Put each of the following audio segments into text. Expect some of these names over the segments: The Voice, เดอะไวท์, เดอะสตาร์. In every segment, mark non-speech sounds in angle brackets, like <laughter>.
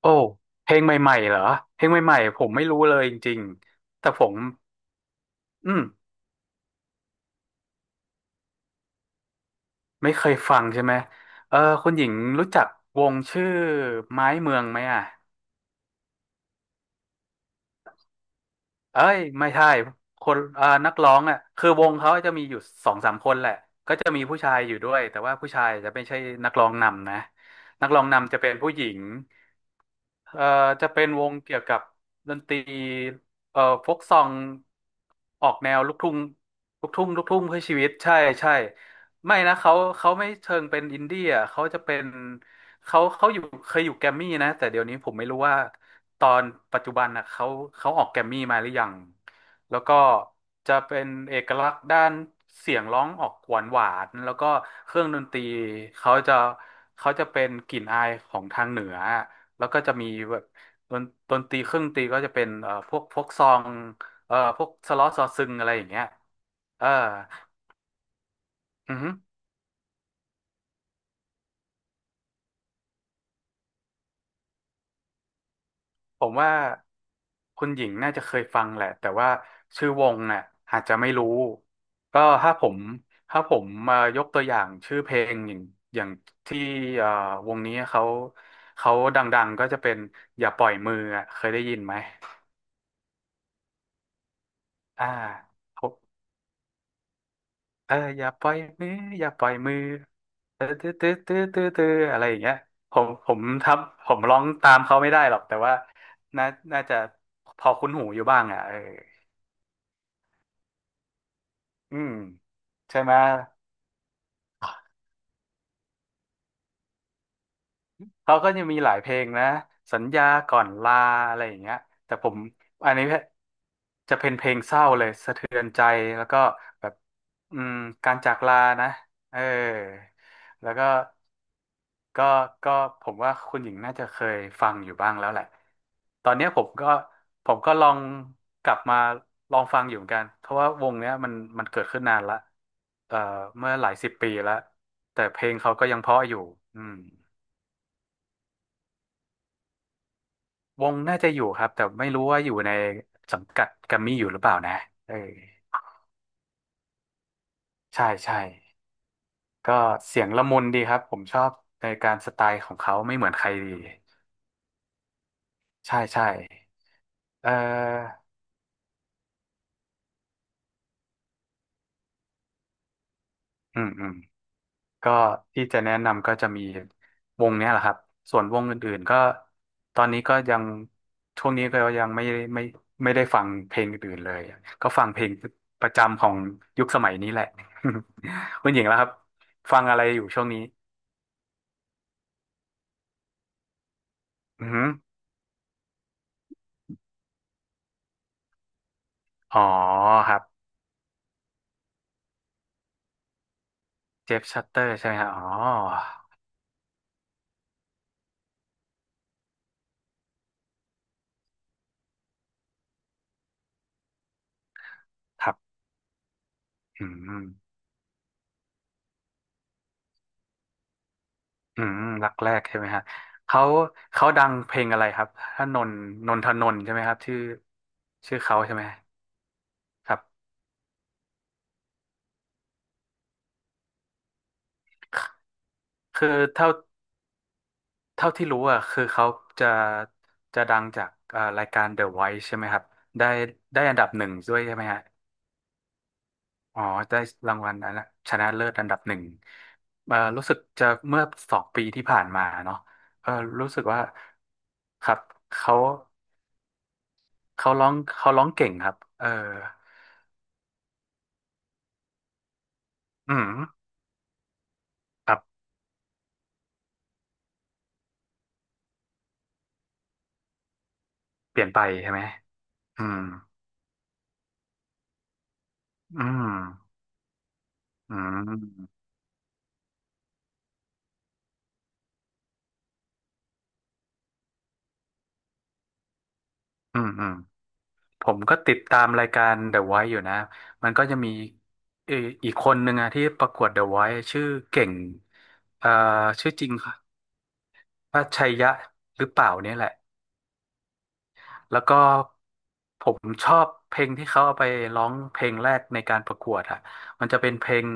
โอ้เพลงใหม่ๆเหรอเพลงใหม่ๆผมไม่รู้เลยจริงๆแต่ผมอืมไม่เคยฟังใช่ไหมเออคุณหญิงรู้จักวงชื่อไม้เมืองไหมอ่ะเอ้ยไม่ใช่คนนักร้องอ่ะคือวงเขาจะมีอยู่สองสามคนแหละ ก็จะมีผู้ชายอยู่ด้วย แต่ว่าผู้ชายจะไม่ใช่นักร้องนำนะ นักร้องนำจะเป็นผู้หญิง เอ่อจะเป็นวงเกี่ยวกับดนตรีโฟกซองออกแนวลูกทุ่งลูกทุ่งเพื่อชีวิตใช่ใช่ไม่นะเขาไม่เชิงเป็นอินดี้อ่ะเขาจะเป็นเขาอยู่เคยอยู่แกรมมี่นะแต่เดี๋ยวนี้ผมไม่รู้ว่าตอนปัจจุบันนะเขาเขาออกแกรมมี่มาหรือยังแล้วก็จะเป็นเอกลักษณ์ด้านเสียงร้องออกหวานหวานแล้วก็เครื่องดนตรีเขาจะเป็นกลิ่นอายของทางเหนือ แล้วก็จะมีแบบดนดนตรีเครื่องดนตรีก็จะเป็นพวกซองพวกสล้อซอซึงอะไรอย่างเงี้ยเอออือหือผมว่าคุณหญิงน่าจะเคยฟังแหละแต่ว่าชื่อวงน่ะอาจจะไม่รู้ก็ถ้าผมมายกตัวอย่างชื่อเพลงอย่างอย่างที่เอ่อวงนี้เขาดังๆก็จะเป็นอย่าปล่อยมืออะเคยได้ยินไหมอ่า เอออย่าปล่อยมืออย่าปล่อยมือเออตื้ออะไรอย่างเงี้ยผมผมทำผมร้องตามเขาไม่ได้หรอกแต่ว่าน่าน่าจะพอคุ้นหูอยู่บ้างอ่ะเอออืมใช่ไหม เขาก็จะมีหลายเพลงนะสัญญาก่อนลาอะไรอย่างเงี้ยแต่ผมอันนี้จะเป็นเพลงเศร้าเลยสะเทือนใจแล้วก็แบบอืมการจากลานะเออแล้วก็ก็ก็ผมว่าคุณหญิงน่าจะเคยฟังอยู่บ้างแล้วแหละตอนเนี้ยผมก็ลองกลับมาลองฟังอยู่เหมือนกันเพราะว่าวงเนี้ยมันเกิดขึ้นนานละเอ่อเมื่อหลายสิบปีแล้วแต่เพลงเขาก็ยังเพราะอยู่อืม วงน่าจะอยู่ครับแต่ไม่รู้ว่าอยู่ในสังกัดแกรมมี่อยู่หรือเปล่านะเออใช่ใช่ก็เสียงละมุนดีครับผมชอบในการสไตล์ของเขาไม่เหมือนใครดีใช่ใช่เอออืมอืมก็ที่จะแนะนำก็จะมีวงเนี้ยแหละครับส่วนวงอื่นๆก็ตอนนี้ก็ยังช่วงนี้ก็ยังไม่ไม่ไม่ได้ฟังเพลงอื่นๆเลยก็ฟังเพลงประจำของยุคสมัยนี้แหละ <laughs> คุณหญิงแล้วครับฟังอะไรอยู่ช่วงนี้ อือหืออ๋อครับ เจฟชัตเตอร์ใช่ไหมฮะอ๋อครับอืมอืมรักแรกใช่ไหมฮะเขาดังเพลงอะไรครับถ้านนนนทนนท์ใช่ไหมครับชื่อชื่อเขาใช่ไหมครับคือเท่าที่รู้อ่ะคือเขาจะดังจากรายการ The Voice ใช่ไหมครับได้อันดับหนึ่งด้วยใช่ไหมฮะ อ๋อได้รางวัลอันละชนะเลิศอันดับหนึ่งรู้สึกจะเมื่อสองปีที่ผ่านมาเนาะเออรู้สึกว่าครับเขาร้องเก่งครับเอออืมครับเปลี่ยนไปใช่ไหมอืมอืม อืม อืมอืมผมก็ติดตามรายการ The Voice อยู่นะ มันก็จะมีเอ่ออีกคนหนึ่งอะที่ประกวด The Voice ชื่อเก่งเอ่อชื่อจริงว่าชัยยะหรือเปล่าเนี่ยแหละ แล้วก็ผมชอบเพลงที่เขาเอาไปร้องเพลงแรกในการประกวดอะมันจะเป็นเพลง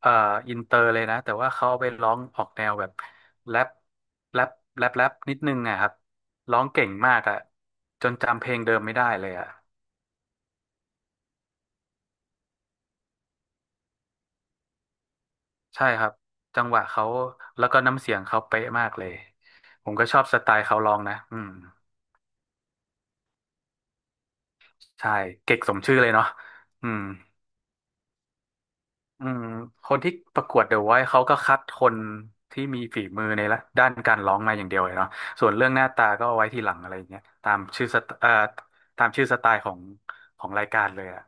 เอ่ออินเตอร์เลยนะแต่ว่าเขาเอาไปร้องออกแนวแบบแรปแรปแรปนิดนึงอะครับร้องเก่งมากอะจนจำเพลงเดิมไม่ได้เลยอะใช่ครับจังหวะเขาแล้วก็น้ำเสียงเขาเป๊ะมากเลยผมก็ชอบสไตล์เขาร้องนะอืมใช่เก่งสมชื่อเลยเนาะอืม อืมคนที่ประกวดเดอะไวท์เขาก็คัดคนที่มีฝีมือในละด้านการร้องมาอย่างเดียวเลยเนาะส่วนเรื่องหน้าตาก็เอาไว้ทีหลังอะไรอย่างเงี้ยตามชื่อสไตตามชื่อสไตล์ของรายการเลยอะ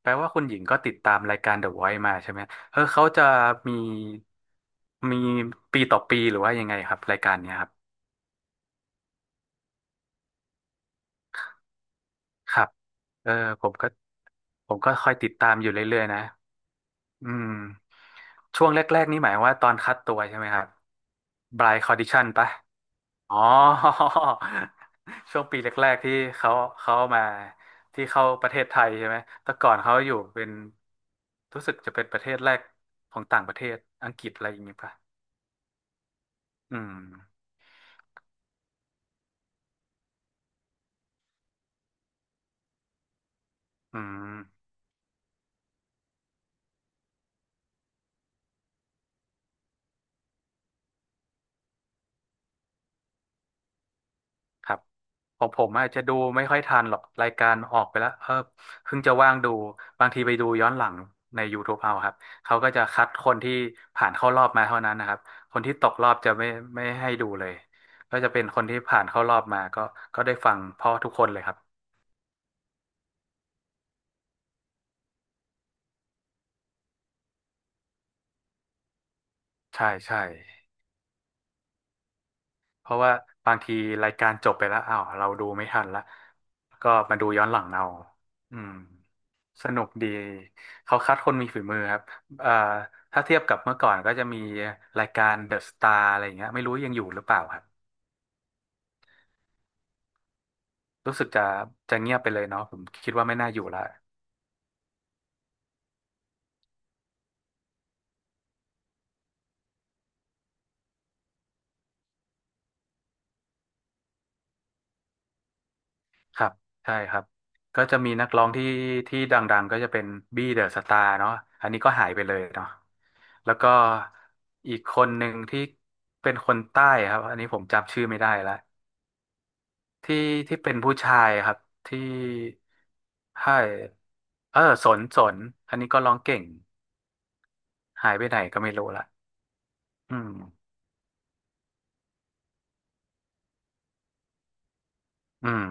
แปลว่าคุณหญิงก็ติดตามรายการเดอะไวท์มาใช่ไหมเออเขาจะมีมีปีต่อปีหรือว่ายังไงครับรายการเนี้ยครับครับเออผมก็คอยติดตามอยู่เรื่อยๆนะอืมช่วงแรกๆนี่หมายว่าตอนคัดตัวใช่ไหมครับบรายคอดิชันปะ อ๋อ <laughs> ช่วงปีแรกๆที่เขาเขามาที่เข้าประเทศไทยใช่ไหมแต่ก่อนเขาอยู่เป็นรู้สึกจะเป็นประเทศแรกของต่างประเทศอังกฤษอะไรอย่างงี้ป่ะอืมอืม ครับของผมอาจจะดูไม่ค่อยทันหรอกรายการออกไปแล้วเออเพิ่งจะว่างดูบางทีไปดูย้อนหลังใน YouTube เอาครับเขาก็จะคัดคนที่ผ่านเข้ารอบมาเท่านั้นนะครับคนที่ตกรอบจะไม่ให้ดูเลยก็จะเป็นคนที่ผ่านเข้ารอบมาก็ได้ฟังเพราะทุกคนเลยครับใช่ใช่เพราะว่าบางทีรายการจบไปแล้วอ้าวเราดูไม่ทันละก็มาดูย้อนหลังเอาอืม สนุกดีเขาคัดคนมีฝีมือครับเอ่อถ้าเทียบกับเมื่อก่อนก็จะมีรายการเดอะสตาร์อะไรอย่างเงี้ยไม่รู้ยังอยู่หรือเปล่าครับรู้สึกจะเงียบไปเลยเนาะผมคิดว่าไม่น่าอยู่ละครับใช่ครับก็จะมีนักร้องที่ที่ดังๆก็จะเป็นบี้เดอะสตาร์เนาะอันนี้ก็หายไปเลยเนาะแล้วก็อีกคนหนึ่งที่เป็นคนใต้ครับอันนี้ผมจำชื่อไม่ได้ละ ที่ที่เป็นผู้ชายครับที่ใช่เออสนสนอันนี้ก็ร้องเก่งหายไปไหนก็ไม่รู้ละอืมอืม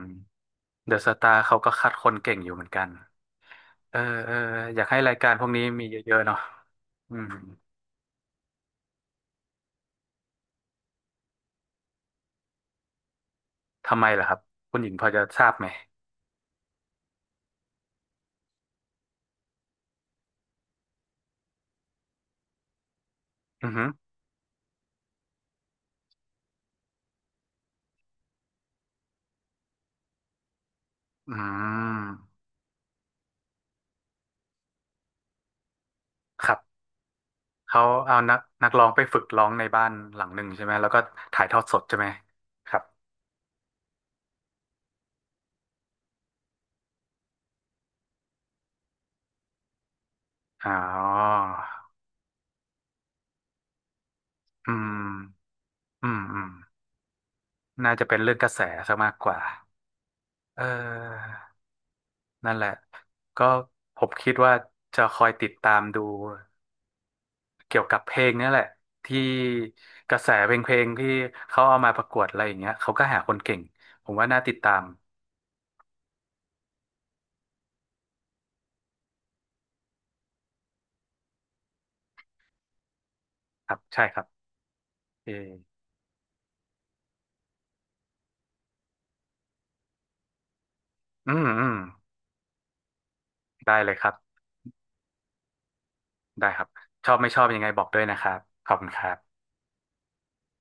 เดอะสตาร์เขาก็คัดคนเก่งอยู่เหมือนกันเออเอออยากให้รายการพวกนี้มีเยอะๆเนาะอืมทำไมล่ะครับคุณหญิงพอจะทราบไหมอือหืออืมครับเขาเอานักร้องไปฝึกร้องในบ้านหลังหนึ่งใช่ไหมแล้วก็ถ่ายทอดสดใช่ไหมครับอ๋ออืมอืมอืม น่าจะเป็นเรื่องกระแสซะมากกว่าเออนั่นแหละ ก็ผมคิดว่าจะคอยติดตามดูเกี่ยวกับเพลงเนี่ยแหละที่กระแสเพลงที่เขาเอามาประกวดอะไรอย่างเงี้ยเขาก็หาคนเก่งผมว่าน่าติดตามครับใช่ครับเอออืมอืมได้เลยครับได้ครับชอบไม่ชอบยังไงบอกด้วยนะครับขอบคุณครับ